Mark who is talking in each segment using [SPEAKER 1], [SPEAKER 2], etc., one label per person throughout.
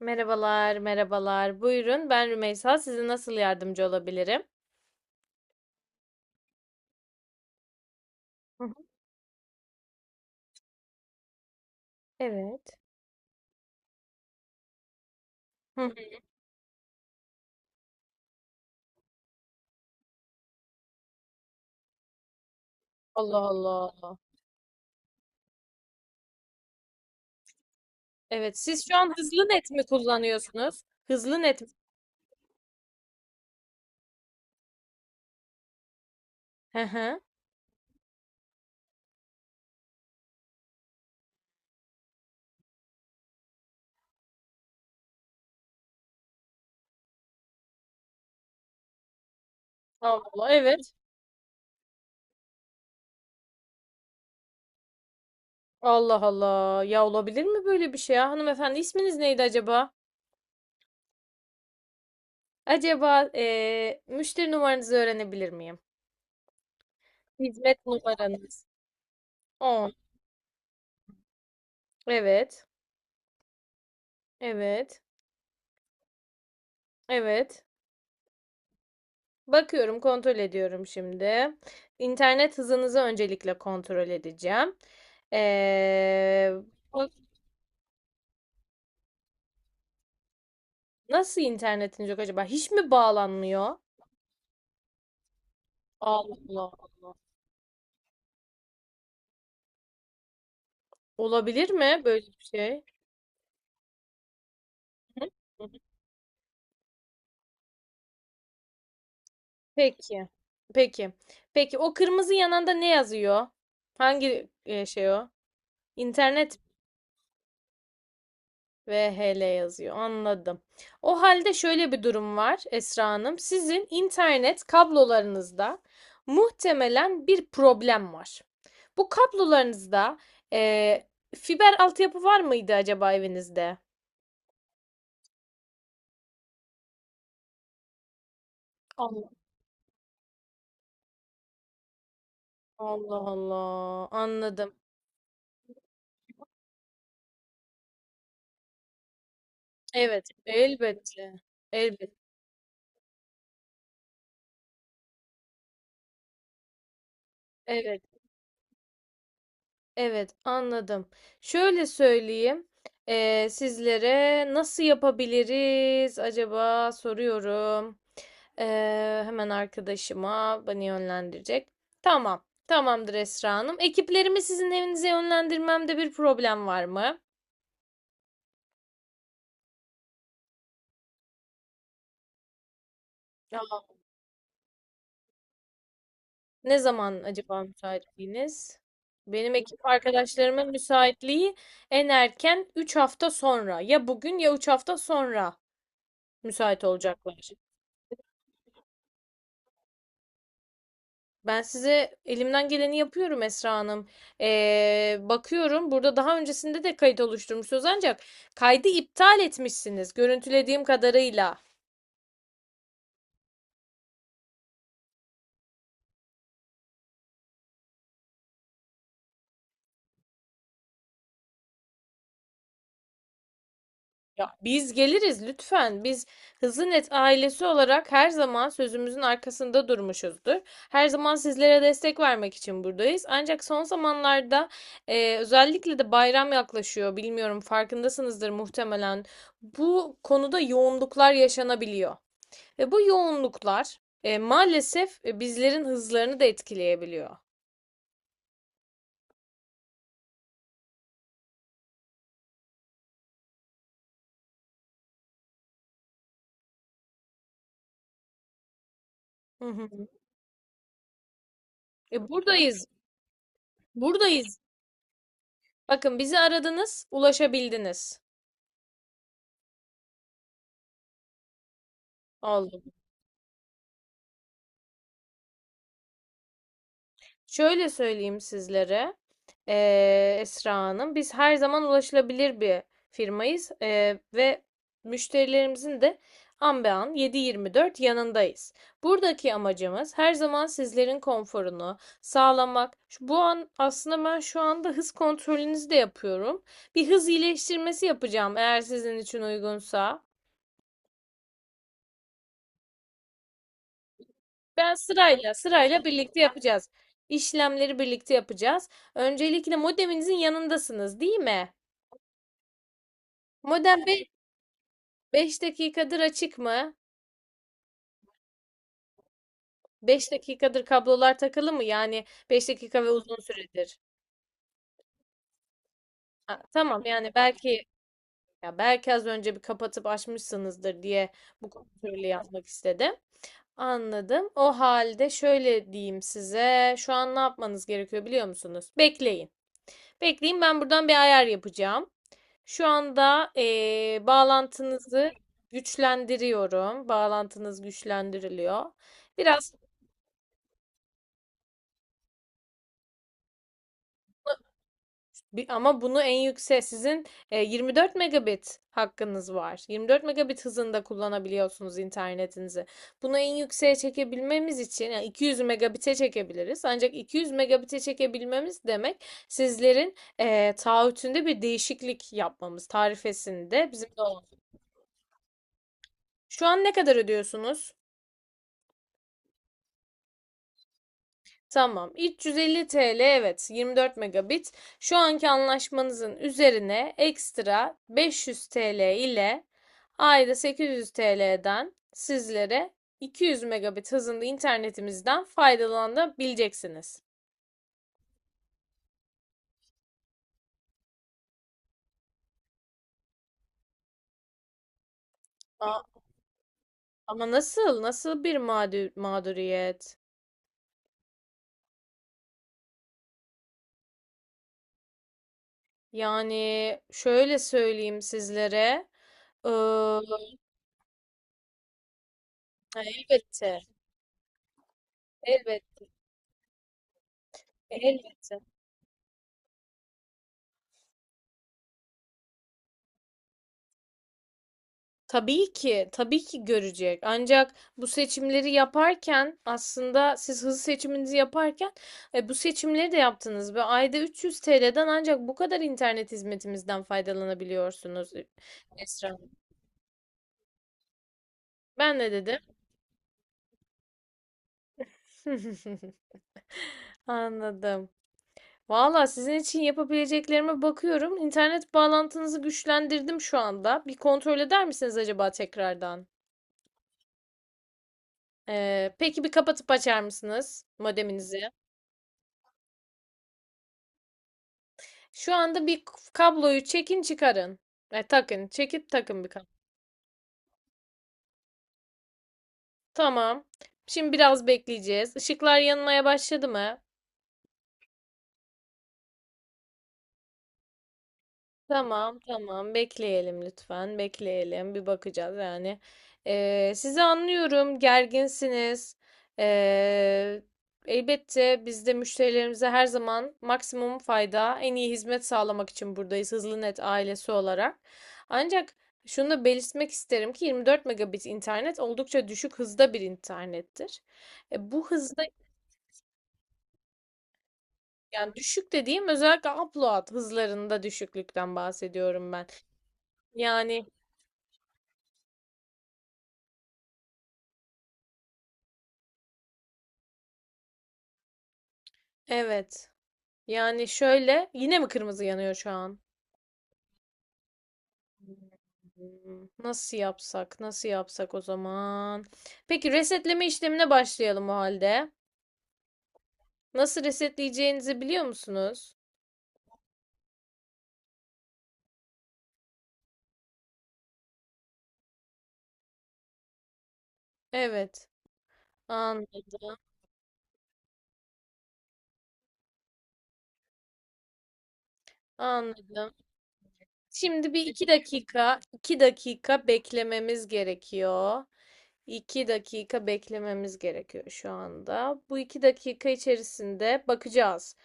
[SPEAKER 1] Merhabalar, merhabalar. Buyurun, ben Rümeysa. Size nasıl yardımcı olabilirim? Hı hı. Evet. Hı hı. Allah Allah. Evet, siz şu an hızlı net mi kullanıyorsunuz? Hızlı net mi? Hı hı. Allah, evet. Allah Allah. Ya olabilir mi böyle bir şey ya? Hanımefendi isminiz neydi acaba? Acaba müşteri numaranızı öğrenebilir miyim? Hizmet numaranız. On. Evet. Evet. Evet. Bakıyorum, kontrol ediyorum şimdi. İnternet hızınızı öncelikle kontrol edeceğim. Ee, bak- nasıl internetiniz yok acaba? Hiç mi bağlanmıyor? Allah Allah. Olabilir mi böyle bir şey? Hı? Peki. Peki. Peki o kırmızı yananda ne yazıyor? Hangi şey o? İnternet VHL yazıyor. Anladım. O halde şöyle bir durum var Esra Hanım. Sizin internet kablolarınızda muhtemelen bir problem var. Bu kablolarınızda eee, fiber altyapı var mıydı acaba evinizde? Allah Allah Allah. Anladım. Evet, elbette. Elbette. Evet. Evet, anladım. Şöyle söyleyeyim, sizlere nasıl yapabiliriz acaba soruyorum. Hemen arkadaşıma beni yönlendirecek. Tamam, tamamdır Esra Hanım. Ekiplerimi sizin evinize yönlendirmemde bir problem var mı? Aa, ne zaman acaba müsaitliğiniz? Benim ekip arkadaşlarımın müsaitliği en erken 3 hafta sonra. Ya bugün ya 3 hafta sonra müsait olacaklar. Ben size elimden geleni yapıyorum Esra Hanım. Bakıyorum burada daha öncesinde de kayıt oluşturmuşsunuz, ancak kaydı iptal etmişsiniz görüntülediğim kadarıyla. Ya biz geliriz lütfen. Biz Hızlı Net ailesi olarak her zaman sözümüzün arkasında durmuşuzdur. Her zaman sizlere destek vermek için buradayız. Ancak son zamanlarda özellikle de bayram yaklaşıyor. Bilmiyorum, farkındasınızdır muhtemelen. Bu konuda yoğunluklar yaşanabiliyor. Ve bu yoğunluklar maalesef bizlerin hızlarını da etkileyebiliyor. Hı hı. Buradayız. Buradayız. Bakın bizi aradınız, ulaşabildiniz. Oldu. Şöyle söyleyeyim sizlere, Esra Hanım, biz her zaman ulaşılabilir bir firmayız, ve müşterilerimizin de an be an 7-24 yanındayız. Buradaki amacımız her zaman sizlerin konforunu sağlamak. Bu an aslında ben şu anda hız kontrolünüzü de yapıyorum. Bir hız iyileştirmesi yapacağım eğer sizin için uygunsa. Ben sırayla birlikte yapacağız. İşlemleri birlikte yapacağız. Öncelikle modeminizin yanındasınız, değil mi? Modem 5 dakikadır açık mı? 5 dakikadır kablolar takılı mı? Yani 5 dakika ve uzun süredir. Ha, tamam, yani belki ya belki az önce bir kapatıp açmışsınızdır diye bu kontrolü yapmak istedim. Anladım. O halde şöyle diyeyim size. Şu an ne yapmanız gerekiyor biliyor musunuz? Bekleyin. Bekleyin, ben buradan bir ayar yapacağım. Şu anda bağlantınızı güçlendiriyorum. Bağlantınız güçlendiriliyor. Biraz ama bunu en yüksek sizin 24 megabit hakkınız var. 24 megabit hızında kullanabiliyorsunuz internetinizi. Bunu en yükseğe çekebilmemiz için yani 200 megabit'e çekebiliriz. Ancak 200 megabit'e çekebilmemiz demek sizlerin taahhütünde bir değişiklik yapmamız, tarifesinde bizim de olmamız. Şu an ne kadar ödüyorsunuz? Tamam. 350 TL, evet, 24 megabit. Şu anki anlaşmanızın üzerine ekstra 500 TL ile ayda 800 TL'den sizlere 200 megabit hızında internetimizden faydalanabileceksiniz. Aa, ama nasıl? Mağduriyet? Yani şöyle söyleyeyim sizlere. Ee, elbette. Elbette. Elbette. Tabii ki, tabii ki görecek. Ancak bu seçimleri yaparken aslında siz hızlı seçiminizi yaparken bu seçimleri de yaptınız ve ayda 300 TL'den ancak bu kadar internet hizmetimizden faydalanabiliyorsunuz, Esra Hanım. Ben de dedim? Anladım. Valla sizin için yapabileceklerime bakıyorum. İnternet bağlantınızı güçlendirdim şu anda. Bir kontrol eder misiniz acaba tekrardan? Peki bir kapatıp açar mısınız modeminizi? Şu anda bir kabloyu çekin çıkarın. Takın. Çekip takın bir kablo. Tamam. Şimdi biraz bekleyeceğiz. Işıklar yanmaya başladı mı? Tamam, tamam, bekleyelim lütfen, bekleyelim, bir bakacağız. Yani, sizi anlıyorum, gerginsiniz. Ee, Elbette biz de müşterilerimize her zaman maksimum fayda, en iyi hizmet sağlamak için buradayız Hızlı Net ailesi olarak, ancak şunu da belirtmek isterim ki 24 megabit internet oldukça düşük hızda bir internettir. Bu hızda yani, düşük dediğim özellikle upload hızlarında düşüklükten bahsediyorum ben. Yani evet. Yani şöyle, yine mi kırmızı yanıyor şu an? Nasıl yapsak? Nasıl yapsak o zaman? Peki resetleme işlemine başlayalım o halde. Nasıl resetleyeceğinizi biliyor musunuz? Evet. Anladım. Anladım. Şimdi bir iki dakika, 2 dakika beklememiz gerekiyor. İki dakika beklememiz gerekiyor şu anda. Bu 2 dakika içerisinde bakacağız.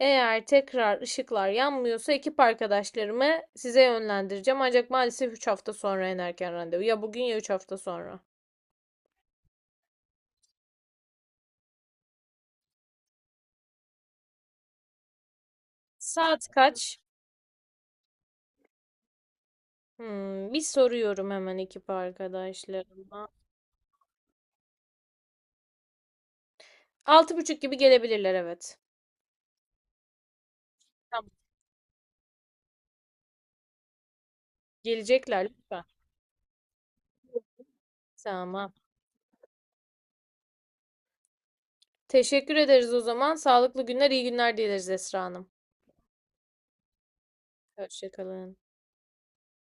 [SPEAKER 1] Eğer tekrar ışıklar yanmıyorsa ekip arkadaşlarımı size yönlendireceğim. Ancak maalesef 3 hafta sonra en erken randevu. Ya bugün ya 3 hafta sonra. Saat kaç? Bir soruyorum hemen ekip arkadaşlarıma. 6 buçuk gibi gelebilirler, evet. Tamam. Gelecekler lütfen. Tamam. Teşekkür ederiz o zaman. Sağlıklı günler, iyi günler dileriz Esra Hanım. Hoşça